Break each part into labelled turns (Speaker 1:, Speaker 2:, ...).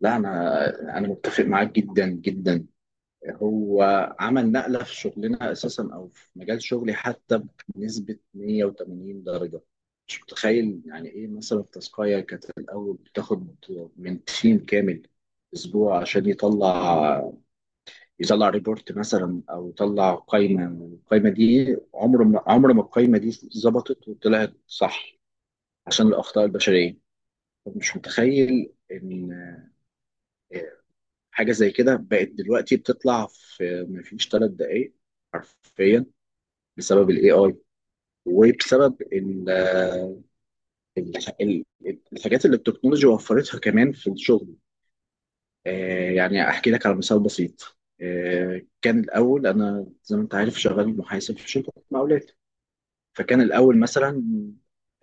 Speaker 1: لا، انا متفق معاك جدا جدا. هو عمل نقله في شغلنا اساسا او في مجال شغلي حتى بنسبه 180 درجه. مش متخيل يعني ايه، مثلا التاسكايه كانت الاول بتاخد من تيم كامل اسبوع عشان يطلع ريبورت مثلا، او يطلع قائمه. القائمه دي عمر ما، القائمه دي ظبطت وطلعت صح، عشان الاخطاء البشريه. مش متخيل ان حاجه زي كده بقت دلوقتي بتطلع في مفيش ثلاث دقائق، حرفيا، بسبب الاي اي، وبسبب ال- ال- الحاجات اللي التكنولوجيا وفرتها كمان في الشغل. يعني احكي لك على مثال بسيط. كان الاول انا، زي ما انت عارف، شغال محاسب في شركه مقاولات. فكان الاول مثلا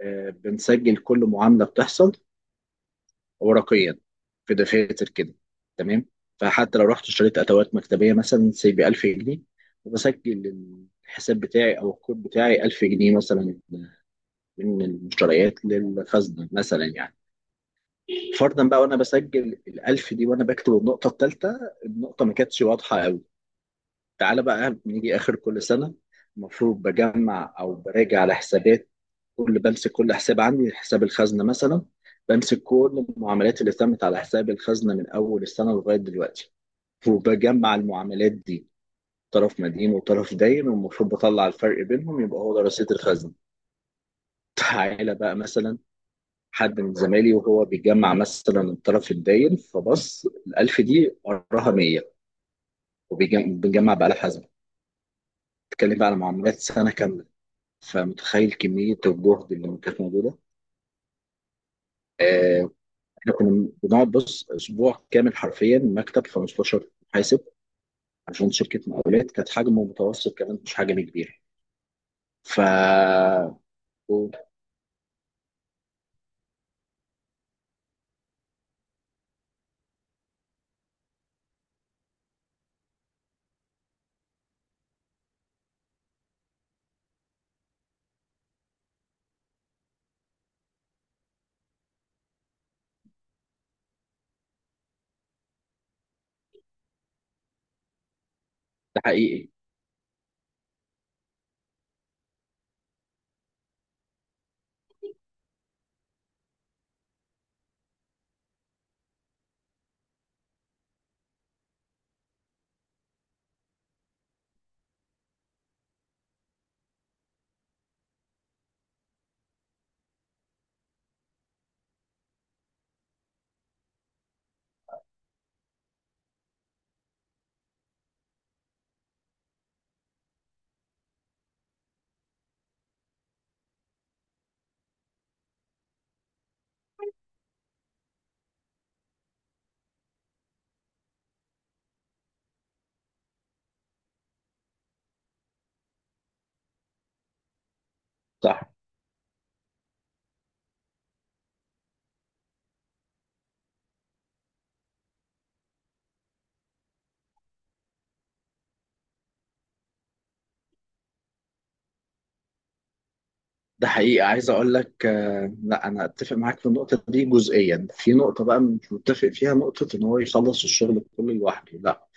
Speaker 1: بنسجل كل معامله بتحصل ورقيا في دفاتر كده، تمام؟ فحتى لو رحت اشتريت ادوات مكتبيه مثلا سي ب 1000 جنيه، وبسجل الحساب بتاعي او الكود بتاعي 1000 جنيه مثلا، من المشتريات للخزنه مثلا يعني. فرضا بقى وانا بسجل ال 1000 دي وانا بكتب النقطه الثالثه، النقطه ما كانتش واضحه قوي. تعالى بقى نيجي اخر كل سنه، المفروض بجمع او براجع على حسابات كل، بمسك كل حساب عندي، حساب الخزنة مثلا، بمسك كل المعاملات اللي تمت على حساب الخزنة من أول السنة لغاية دلوقتي، وبجمع المعاملات دي، طرف مدين وطرف داين، والمفروض بطلع الفرق بينهم يبقى هو ده رصيد الخزنة. تعالى بقى مثلا حد من زمايلي وهو بيجمع مثلا الطرف الداين، فبص الألف دي وراها 100، وبنجمع بقى الحزمة. تتكلم بقى على معاملات سنة كاملة. فمتخيل كمية الجهد اللي كانت موجودة. آه، احنا كنا بنقعد بص اسبوع كامل حرفيا، مكتب 15 محاسب، عشان شركه مقاولات كانت حجمه متوسط كمان، مش حجم كبير. ف ده حقيقي. صح. ده حقيقي. عايز اقول لك لا، انا اتفق معاك في النقطه دي جزئيا، في نقطه بقى مش متفق فيها، نقطه ان هو يخلص الشغل كله لوحده، لا.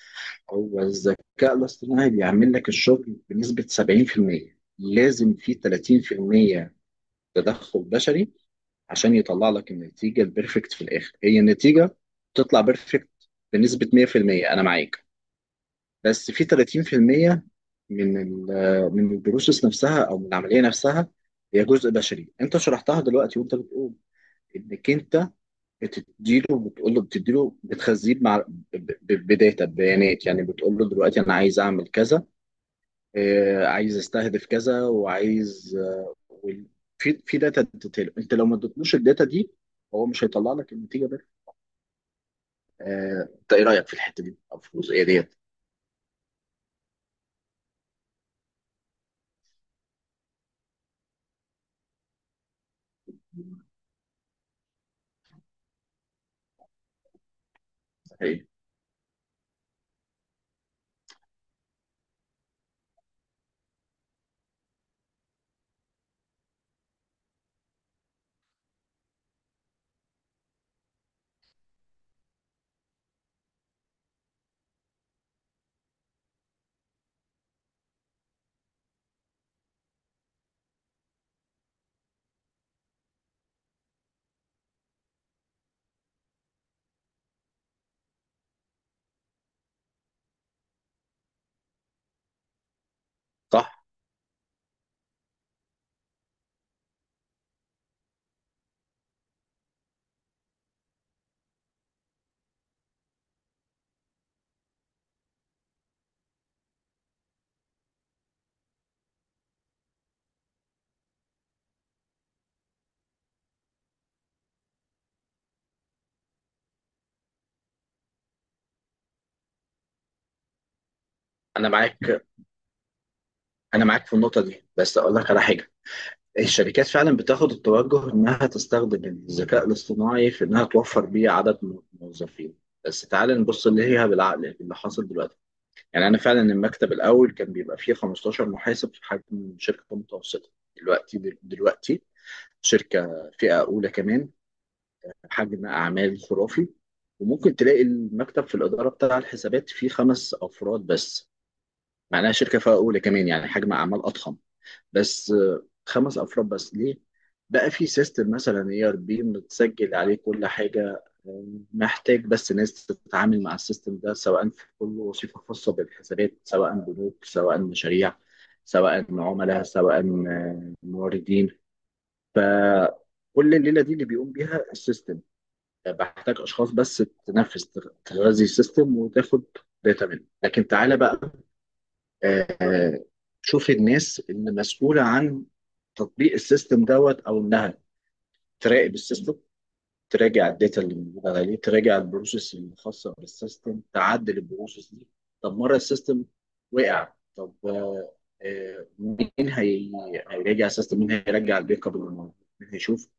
Speaker 1: هو الذكاء الاصطناعي بيعمل لك الشغل بنسبه 70%، لازم في 30% تدخل بشري عشان يطلع لك النتيجة البيرفكت في الآخر، هي النتيجة تطلع بيرفكت بنسبة 100%. أنا معاك، بس في 30% من من البروسيس نفسها، أو من العملية نفسها، هي جزء بشري. أنت شرحتها دلوقتي وأنت بتقول إنك أنت بتديله، بتقول له، بتديله، بتخزيه مع بداتا، ببيانات، يعني بتقول له دلوقتي أنا عايز أعمل كذا، عايز استهدف كذا، وعايز في داتا بتتطلب. انت لو ما ادتلوش الداتا دي، هو مش هيطلع لك النتيجه ده. انت ايه رايك في الحته دي او في الجزئيه ديت؟ إيه؟ صح. انا معاك. انا معاك في النقطه دي، بس اقول لك على حاجه. الشركات فعلا بتاخد التوجه انها تستخدم الذكاء الاصطناعي في انها توفر بيه عدد من الموظفين. بس تعال نبص اللي هي بالعقل اللي حاصل دلوقتي. يعني انا فعلا المكتب الاول كان بيبقى فيه 15 محاسب في حجم شركه أمم متوسطه. دلوقتي، شركه فئه اولى كمان، حجم اعمال خرافي، وممكن تلاقي المكتب في الاداره بتاع الحسابات فيه خمس افراد بس. معناها شركه فئه اولى كمان يعني حجم اعمال اضخم، بس خمس افراد بس، ليه؟ بقى في سيستم مثلا اي ار بي متسجل عليه كل حاجه. محتاج بس ناس تتعامل مع السيستم ده، سواء في كل وظيفه خاصه بالحسابات، سواء بنوك، سواء مشاريع، سواء عملاء، سواء موردين. فكل الليله دي اللي بيقوم بيها السيستم، بحتاج اشخاص بس تنفذ، تغذي السيستم وتاخد داتا منه. لكن تعالى بقى، آه، شوفي الناس اللي مسؤولة عن تطبيق السيستم دوت، أو إنها تراقب السيستم، تراجع الداتا اللي موجودة عليه، تراجع البروسيس الخاصة بالسيستم، تعدل البروسيس دي. طب مرة السيستم وقع، طب مين هيراجع السيستم؟ مين هيرجع البيك اب اللي موجود؟ مين هيشوف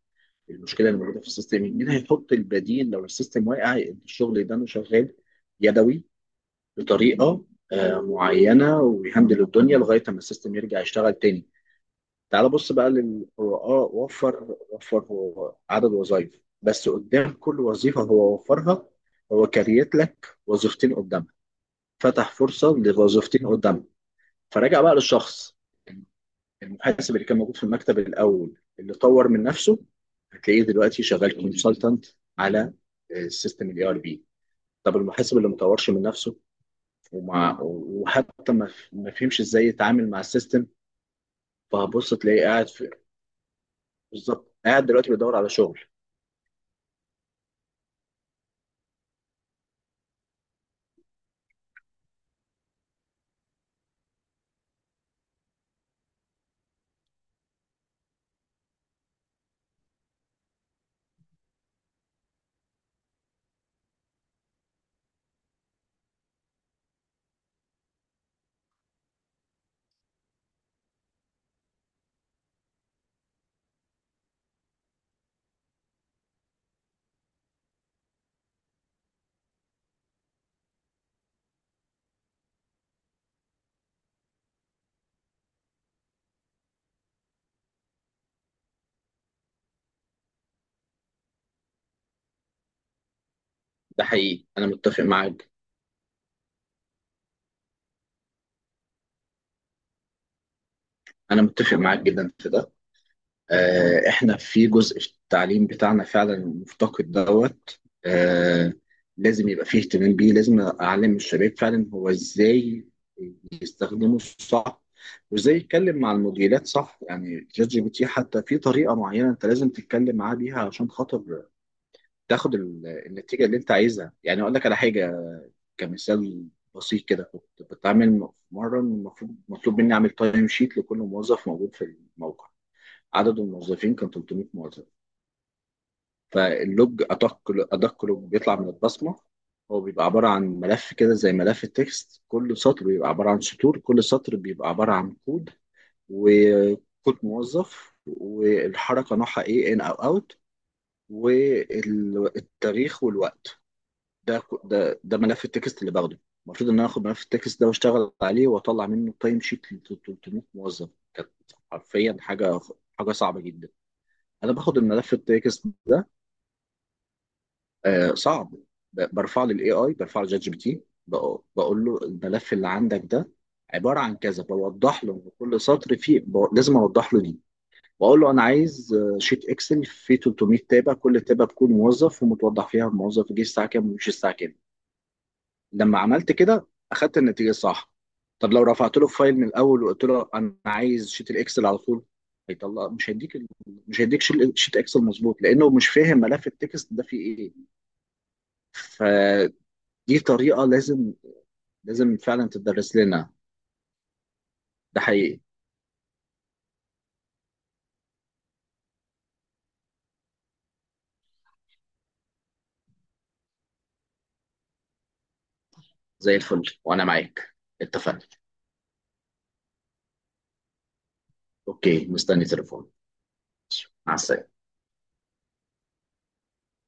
Speaker 1: المشكلة اللي موجودة في السيستم؟ مين هيحط البديل لو السيستم واقع؟ الشغل ده أنا شغال يدوي بطريقه معينه ويهندل الدنيا لغايه ما السيستم يرجع يشتغل تاني. تعال بص بقى للقراء، وفر، عدد وظائف، بس قدام كل وظيفه هو وفرها، هو كريت لك وظيفتين قدامها، فتح فرصه لوظيفتين قدامها. فراجع بقى للشخص، المحاسب اللي كان موجود في المكتب الاول اللي طور من نفسه، هتلاقيه دلوقتي شغال كونسلتنت على السيستم الاي ار بي. طب المحاسب اللي ما طورش من نفسه، ومع وحتى ما فهمش ازاي يتعامل مع السيستم، فهبص تلاقيه قاعد في، بالظبط، قاعد دلوقتي بيدور على شغل. ده حقيقي. انا متفق معاك جدا في ده. احنا في جزء في التعليم بتاعنا فعلا مفتقد دوت. لازم يبقى فيه اهتمام بيه، لازم اعلم الشباب فعلا هو ازاي يستخدمه صح، وازاي يتكلم مع المديرات صح. يعني شات جي بي تي حتى في طريقه معينه انت لازم تتكلم معاه بيها عشان خاطر تاخد النتيجه اللي انت عايزها. يعني اقول لك على حاجه، كمثال بسيط كده. كنت بتعامل مره، المفروض مطلوب مني اعمل تايم شيت لكل موظف موجود في الموقع. عدد الموظفين كان 300 موظف. فاللوج ادق، لوج بيطلع من البصمه، هو بيبقى عباره عن ملف كده زي ملف التكست. كل سطر بيبقى عباره عن سطور، كل سطر بيبقى عباره عن كود وكود موظف والحركه نوعها ايه، ان او اوت، والتاريخ والوقت. ده ده ملف التكست اللي باخده. المفروض ان انا اخد ملف التكست ده واشتغل عليه واطلع منه تايم شيت ل 300 موظف. كانت حرفيا حاجه، صعبه جدا. انا باخد الملف التكست ده، آه صعب، برفعه للاي اي، برفعه لجات جي بي تي. بقول له الملف اللي عندك ده عباره عن كذا، بوضح له إن كل سطر فيه لازم اوضح له دي. واقول له انا عايز شيت اكسل فيه 300 تابع، كل تابع بكون موظف ومتوضح فيها الموظف جه الساعه كام ومشي الساعه كام. لما عملت كده اخدت النتيجه الصح. طب لو رفعت له الفايل من الاول وقلت له انا عايز شيت الاكسل على طول، هيطلع مش هيديك مش هيديك شيت اكسل مظبوط، لانه مش فاهم ملف التكست ده فيه ايه. فدي طريقه لازم، فعلا تدرس لنا. ده حقيقي. زي الفل وانا معاك. اتفقنا. اوكي، مستني تليفون. مع السلامه.